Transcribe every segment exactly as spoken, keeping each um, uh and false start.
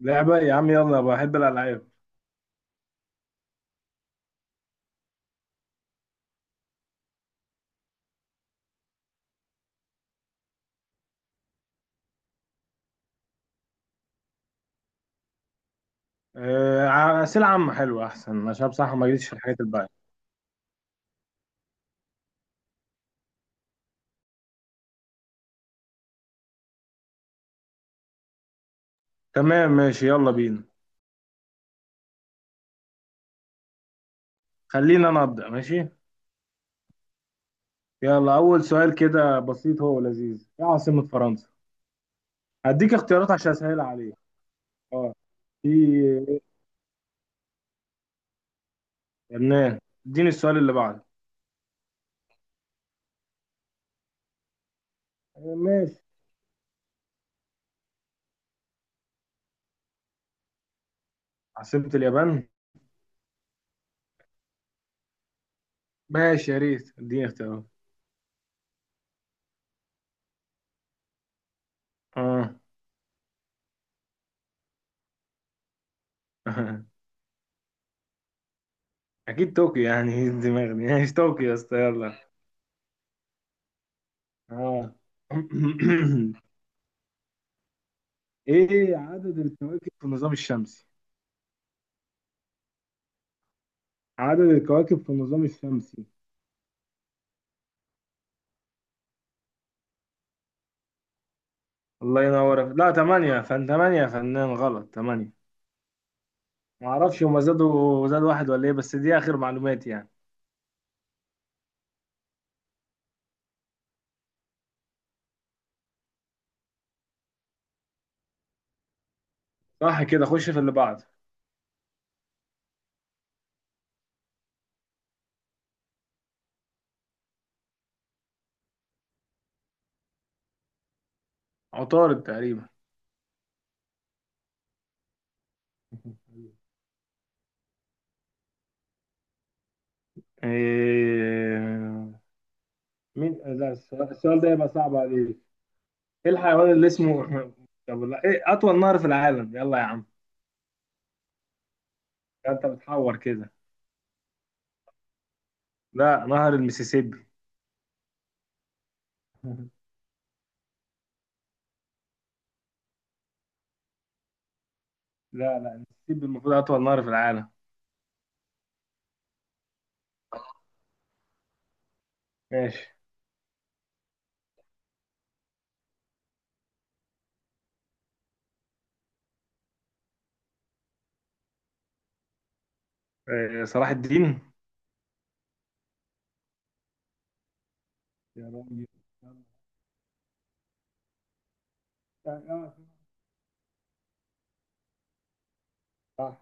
لعبة يا عم، يلا بحب الألعاب. آه، ع- أسئلة عامة حلوة أحسن، عشان بصراحة ما جيتش في الحاجات الباقية. تمام ماشي، يلا بينا. خلينا نبدأ، ماشي. يلا، أول سؤال كده بسيط هو لذيذ، إيه عاصمة فرنسا؟ هديك اختيارات عشان أسهل عليك. أه. في لبنان. اديني السؤال اللي بعده. آه، ماشي. عاصمة اليابان؟ ماشي، يا ريت اديني اختيارات. أه. أكيد طوكيو يعني. إيه الدماغ دي؟ ماشي، طوكيو يا اسطى، يلا. أه. ايه عدد الكواكب في النظام الشمسي؟ عدد الكواكب في النظام الشمسي. الله ينورك، لا تمانية يا فن تمانية يا فنان، غلط تمانية. معرفش هما زادوا زاد واحد ولا ايه، بس دي اخر معلوماتي يعني. صح كده، خش في اللي بعد. عطارد تقريبا. إيه... مين، لا السؤال السؤال ده يبقى صعب عليك. ايه الحيوان اللي اسمه طب لا، ايه اطول نهر في العالم؟ يلا يا عم. ده انت بتحور كده. لا، نهر المسيسيبي. لا لا، المسيسيبي المفروض اطول نهر في العالم. ماشي. آه، صلاح الدين. يا راجل. آه، صح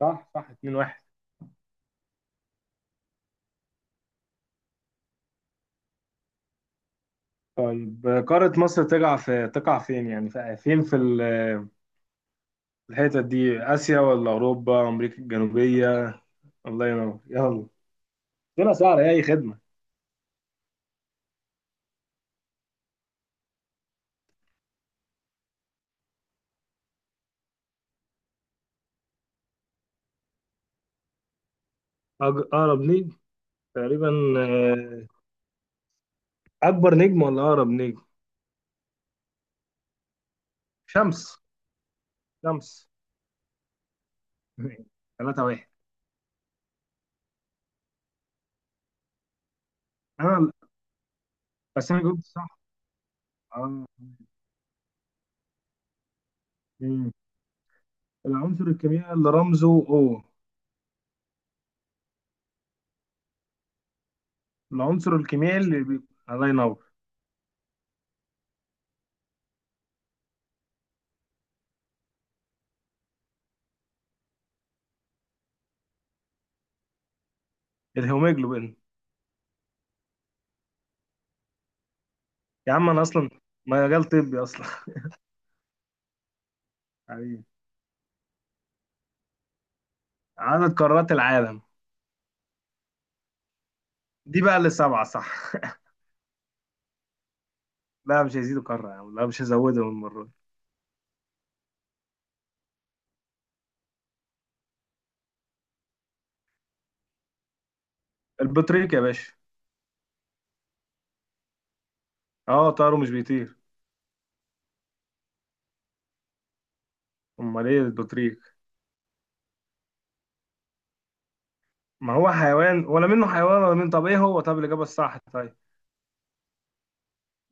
صح صح اتنين واحد. طيب، آه، قارة مصر تقع في تقع فين يعني، في- فين في ال- في الحتة دي، آسيا ولا أوروبا، أمريكا الجنوبية؟ الله ينور، يلا. طلع سهلة، أي خدمة. أج- أقرب نجم تقريبا، آه، أكبر نجم ولا أقرب نجم؟ شمس، شمس. ثلاثة واحد. أنا. بس أنا جبت صح. آه. مم. العنصر الكيميائي اللي رمزه O. العنصر الكيميائي اللي بي... الله ينور. الهيموجلوبين. يا عم انا اصلا مجال طبي اصلا. حبيبي. عدد قارات العالم. دي بقى اللي سبعة صح. لا مش هيزيدوا قارة يا عم، لا، مش هزودهم المرة دي. البطريق يا باشا. اه طاره مش بيطير. امال ايه البطريق؟ ما هو حيوان ولا منه، حيوان ولا منه، طب ايه هو؟ طب الاجابة الصح؟ طيب.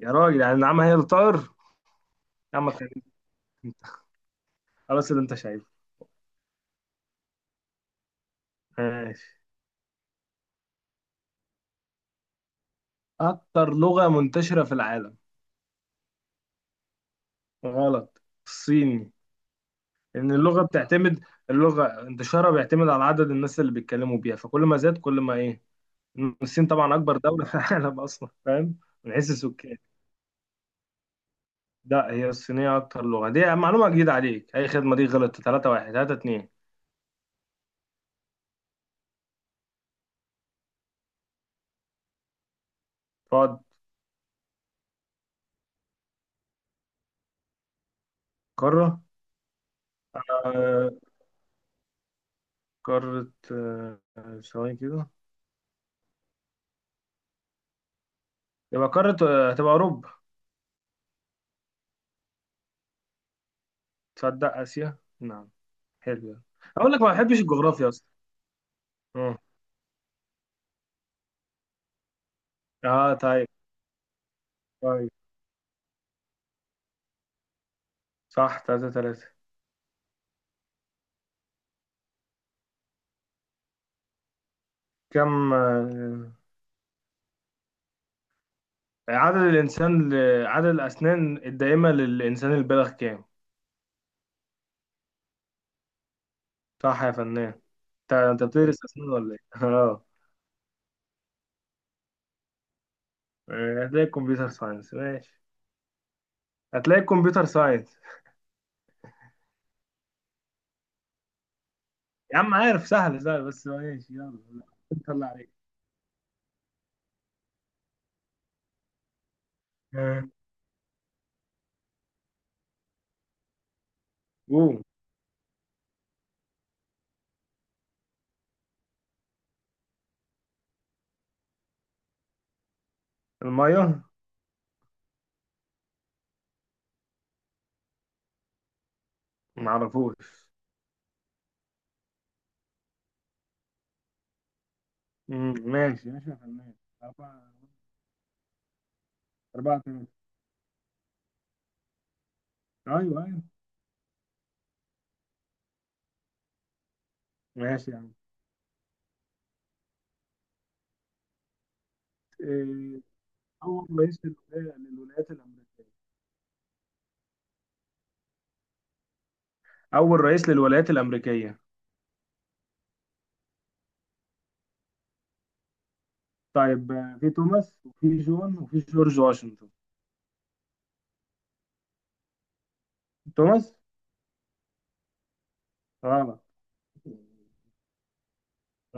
يا راجل، يعني النعامة هي اللي طائر؟ يا عم خليك انت، خلاص اللي انت شايفه. ماشي. اكتر لغة منتشرة في العالم. غلط. الصيني. لأن اللغة بتعتمد، اللغة انتشارها بيعتمد على عدد الناس اللي بيتكلموا بيها، فكل ما زاد كل ما إيه. الصين طبعا أكبر دولة في العالم أصلا، فاهم؟ من حيث السكان. لا، هي الصينية أكتر لغة، دي معلومة جديدة عليك، أي خدمة، دي غلط. ثلاثة واحد ثلاثة اتنين. تقعد. قارة آه، قارة، آه، ثواني كده. يبقى قارة، آه، هتبقى أوروبا. تصدق آسيا، نعم. حلو ده. أقول لك ما بحبش الجغرافيا أصلا. أه. آه، طيب. طيب. صح ثلاثة ثلاثة. كم آه، عدد الإنسان ل... عدد الأسنان الدائمة للإنسان البالغ كام؟ صح يا فنان. أنت أنت بتدرس أسنان ولا إيه؟ أه. إيه، هتلاقي كمبيوتر ساينس، ماشي، هتلاقي كمبيوتر ساينس. يا عم عارف، سهل سهل، بس ماشي يلا. طلع عليك. آه. قوم. المية. معرفوش. مم، ماشي ماشي يا فنان. أربعة. أربعة تمام. أيوه أيوه. ماشي يا عم. إيه، أول رئيس للولاية- للولايات الأمريكية. أول رئيس للولايات الأمريكية. طيب، آه، في توماس وفي جون وفي جورج واشنطن. توماس. غلط.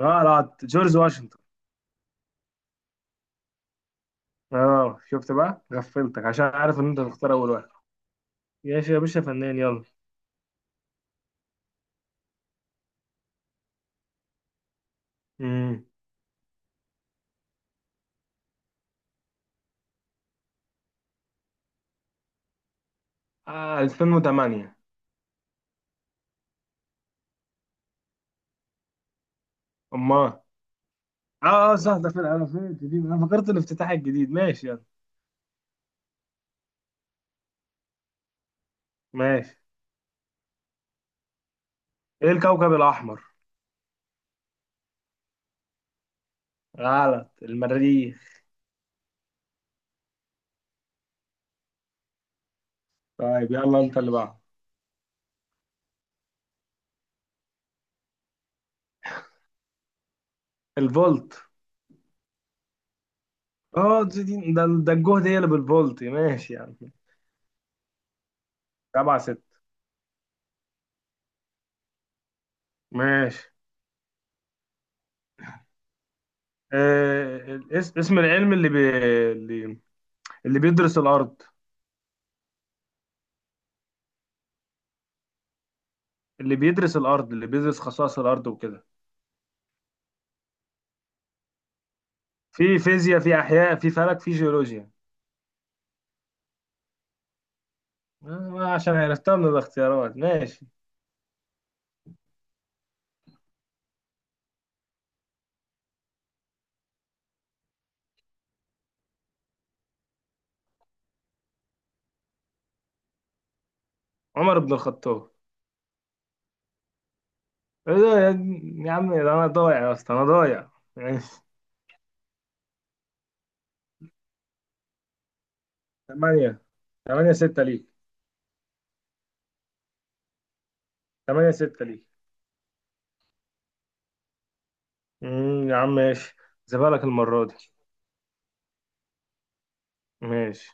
غلط، جورج واشنطن. اه شفت بقى غفلتك، عشان عارف ان انت تختار اول واحد. ماشي يا باشا، فنان، يلا. امم. آه الفين وتمنية. امال. اه اه، صح ده، في الالفين الجديد انا فكرت الافتتاح الجديد. ماشي يلا. ماشي. ايه الكوكب الاحمر؟ غلط، المريخ. طيب يلا انت اللي بعده. الفولت. اه، دي- دي- ده ده الجهد هي اللي بالفولت، ماشي يعني. سبعة ستة. ماشي. آه، الاس- اسم العلم اللي بي... اللي اللي بيدرس الارض، اللي بيدرس الارض اللي بيدرس خصائص الارض وكده. في فيزياء، في احياء، في فلك، في جيولوجيا. آه، عشان عرفتها من الاختيارات، ماشي. عمر بن الخطاب. إيه ده يا يا عم، ده انا ضايع يا اسطى، انا ضايع. ماشي. ثمانية. ثمانية ستة ليك. ثمانية ستة ليك. مم، يا عم ماشي. زبالك المرة دي. ماشي.